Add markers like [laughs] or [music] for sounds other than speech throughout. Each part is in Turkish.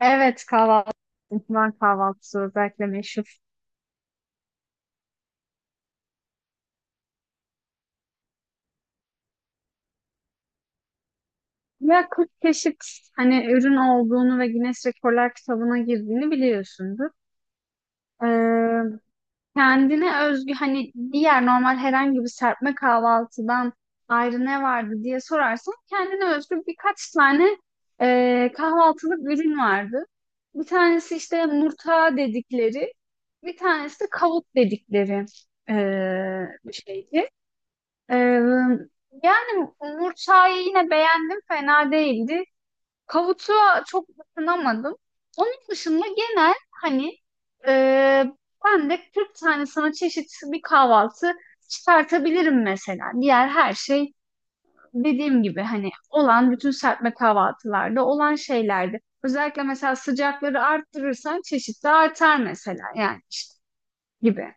Evet, kahvaltı, İhmal kahvaltısı özellikle meşhur. Ya 40 çeşit hani ürün olduğunu ve Guinness Rekorlar kitabına girdiğini biliyorsundur. Ee, Kendine özgü hani diğer normal herhangi bir serpme kahvaltıdan ayrı ne vardı diye sorarsan kendine özgü birkaç tane kahvaltılık ürün vardı. Bir tanesi işte murta dedikleri, bir tanesi de kavut dedikleri e, bir şeydi. Ee, Yani Murçay'ı yine beğendim, fena değildi. Kavutu'a çok ısınamadım. Onun dışında genel hani e, ben de 40 tane sana çeşit bir kahvaltı çıkartabilirim mesela. Diğer her şey dediğim gibi hani olan bütün serpme kahvaltılarda olan şeylerdi. Özellikle mesela sıcakları arttırırsan çeşit de artar mesela yani işte gibi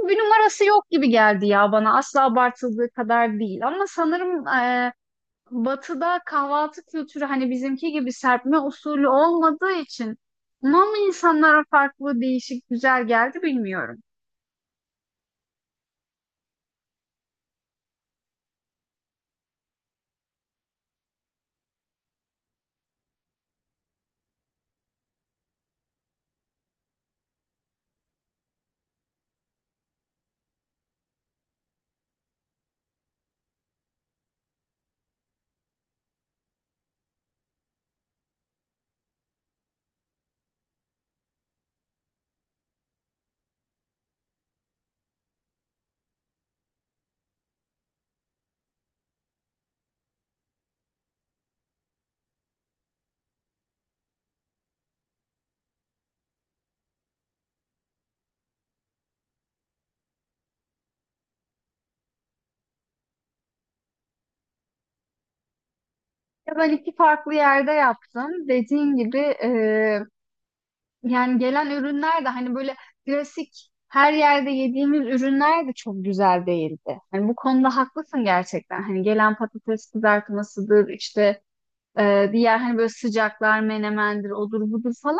bir numarası yok gibi geldi ya bana. Asla abartıldığı kadar değil. Ama sanırım Batı'da kahvaltı kültürü hani bizimki gibi serpme usulü olmadığı için buna mı insanlara farklı, değişik, güzel geldi bilmiyorum. Ya ben iki farklı yerde yaptım. Dediğin gibi yani gelen ürünler de hani böyle klasik her yerde yediğimiz ürünler de çok güzel değildi. Hani bu konuda haklısın gerçekten. Hani gelen patates kızartmasıdır işte. Diğer hani böyle sıcaklar menemendir odur budur falan.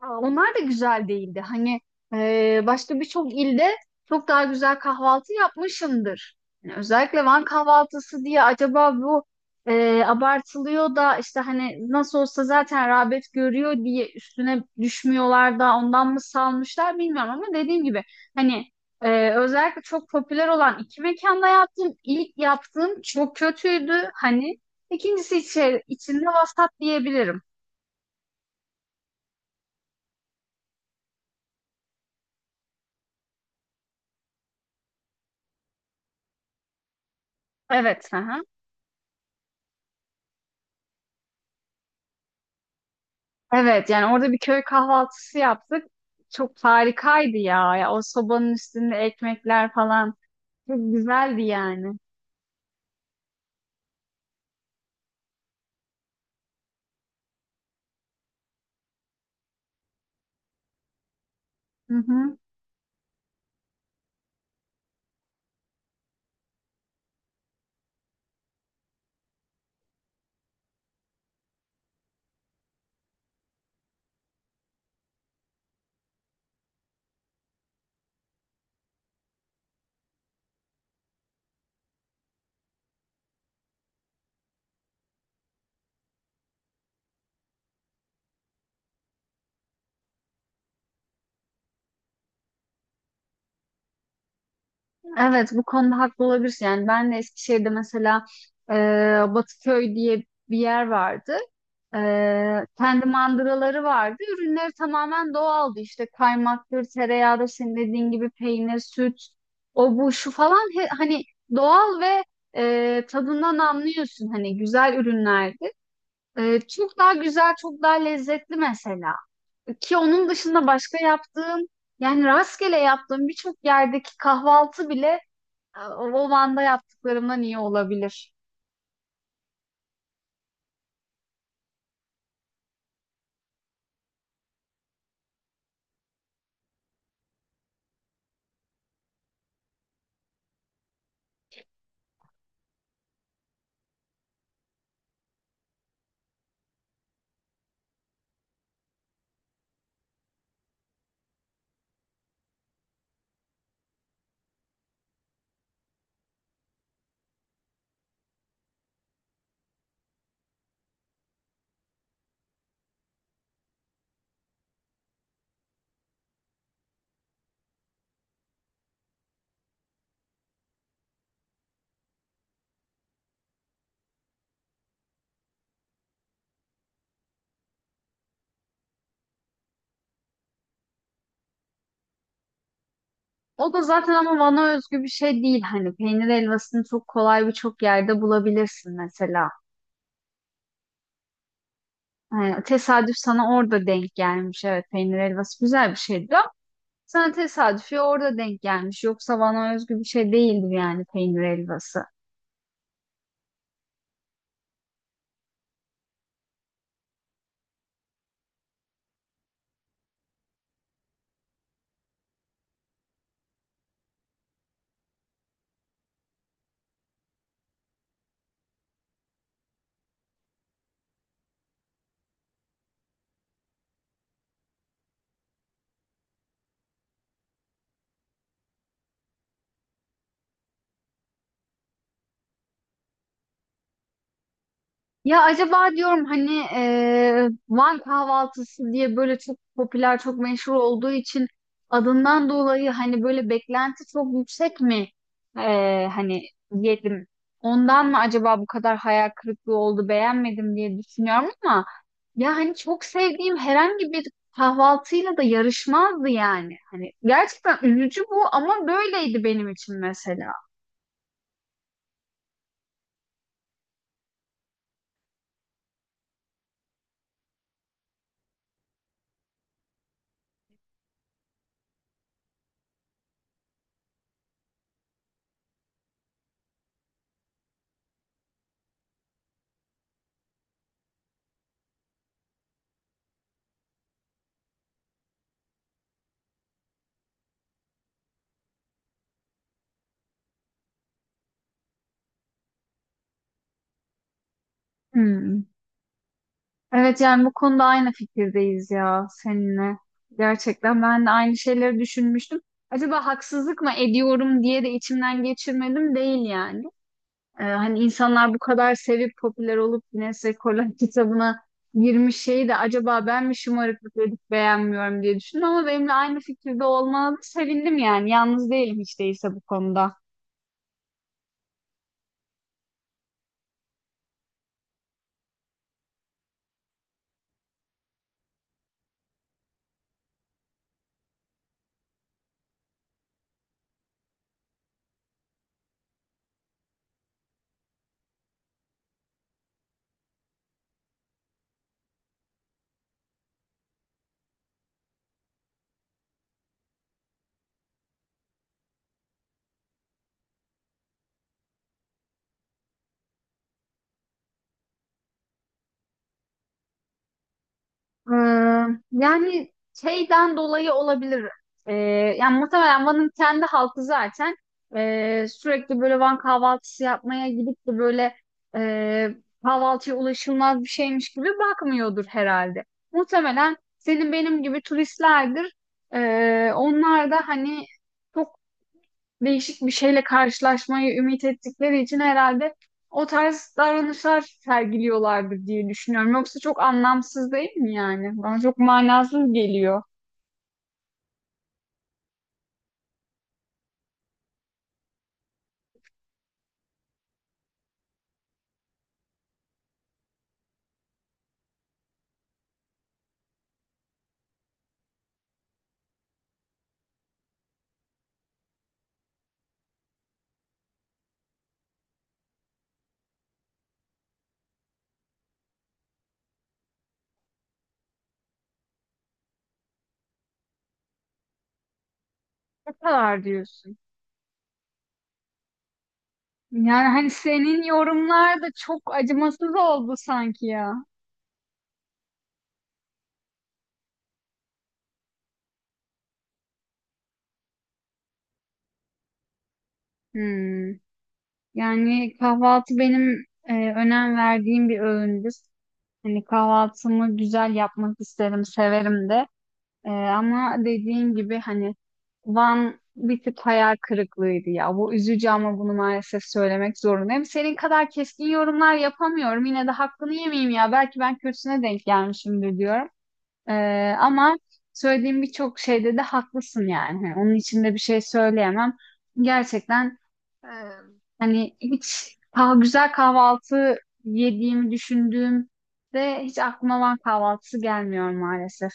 Aa, onlar da güzel değildi. Hani başka birçok ilde çok daha güzel kahvaltı yapmışımdır. Yani özellikle Van kahvaltısı diye acaba bu abartılıyor da işte hani nasıl olsa zaten rağbet görüyor diye üstüne düşmüyorlar da ondan mı salmışlar bilmiyorum ama dediğim gibi hani özellikle çok popüler olan iki mekanda yaptım. İlk yaptığım çok kötüydü hani. İkincisi içinde vasat diyebilirim. Evet. Hı hı. Evet, yani orada bir köy kahvaltısı yaptık. Çok harikaydı ya. Ya o sobanın üstünde ekmekler falan çok güzeldi yani. Hı hı. Evet, bu konuda haklı olabilirsin. Yani ben de Eskişehir'de mesela e, Batıköy diye bir yer vardı. E, kendi mandıraları vardı. Ürünleri tamamen doğaldı. İşte kaymaktır, tereyağıdır, senin dediğin gibi peynir, süt, o bu şu falan. Hani doğal ve tadından anlıyorsun. Hani güzel ürünlerdi. Çok daha güzel, çok daha lezzetli mesela. Ki onun dışında başka yaptığım, yani rastgele yaptığım birçok yerdeki kahvaltı bile o Van'da yaptıklarımdan iyi olabilir. O da zaten ama Van'a özgü bir şey değil. Hani peynir helvasını çok kolay birçok yerde bulabilirsin mesela. Tesadüf sana orada denk gelmiş. Evet, peynir helvası güzel bir şeydir. Sen tesadüfi orada denk gelmiş. Yoksa bana özgü bir şey değildir yani peynir helvası. Ya acaba diyorum hani Van kahvaltısı diye böyle çok popüler, çok meşhur olduğu için adından dolayı hani böyle beklenti çok yüksek mi? Hani yedim. Ondan mı acaba bu kadar hayal kırıklığı oldu, beğenmedim diye düşünüyorum ama ya hani çok sevdiğim herhangi bir kahvaltıyla da yarışmazdı yani. Hani gerçekten üzücü bu ama böyleydi benim için mesela. Hmm. Evet, yani bu konuda aynı fikirdeyiz ya seninle. Gerçekten ben de aynı şeyleri düşünmüştüm. Acaba haksızlık mı ediyorum diye de içimden geçirmedim değil yani. Hani insanlar bu kadar sevip popüler olup Guinness Rekorlar [laughs] kitabına girmiş şeyi de acaba ben mi şımarıklık edip beğenmiyorum diye düşündüm ama benimle aynı fikirde olmanıza sevindim yani. Yalnız değilim hiç değilse bu konuda. Ee, Yani şeyden dolayı olabilir. Ee, Yani muhtemelen Van'ın kendi halkı zaten sürekli böyle Van kahvaltısı yapmaya gidip de böyle ee, kahvaltıya ulaşılmaz bir şeymiş gibi bakmıyordur herhalde. Muhtemelen senin benim gibi turistlerdir. Onlar da hani çok değişik bir şeyle karşılaşmayı ümit ettikleri için herhalde o tarz davranışlar sergiliyorlardır diye düşünüyorum. Yoksa çok anlamsız değil mi yani? Bana çok manasız geliyor. Ne kadar diyorsun? Yani hani senin yorumlar da çok acımasız oldu sanki ya. Hmm. Yani kahvaltı benim önem verdiğim bir öğündür. Hani kahvaltımı güzel yapmak isterim, severim de. Ama dediğin gibi hani Van bir tık hayal kırıklığıydı ya. Bu üzücü ama bunu maalesef söylemek zorundayım. Senin kadar keskin yorumlar yapamıyorum. Yine de hakkını yemeyeyim ya. Belki ben kötüsüne denk gelmişimdir diyorum. Ama söylediğim birçok şeyde de haklısın yani. Hani onun için de bir şey söyleyemem. Gerçekten e, hani hiç güzel kahvaltı yediğimi düşündüğümde hiç aklıma Van kahvaltısı gelmiyor maalesef.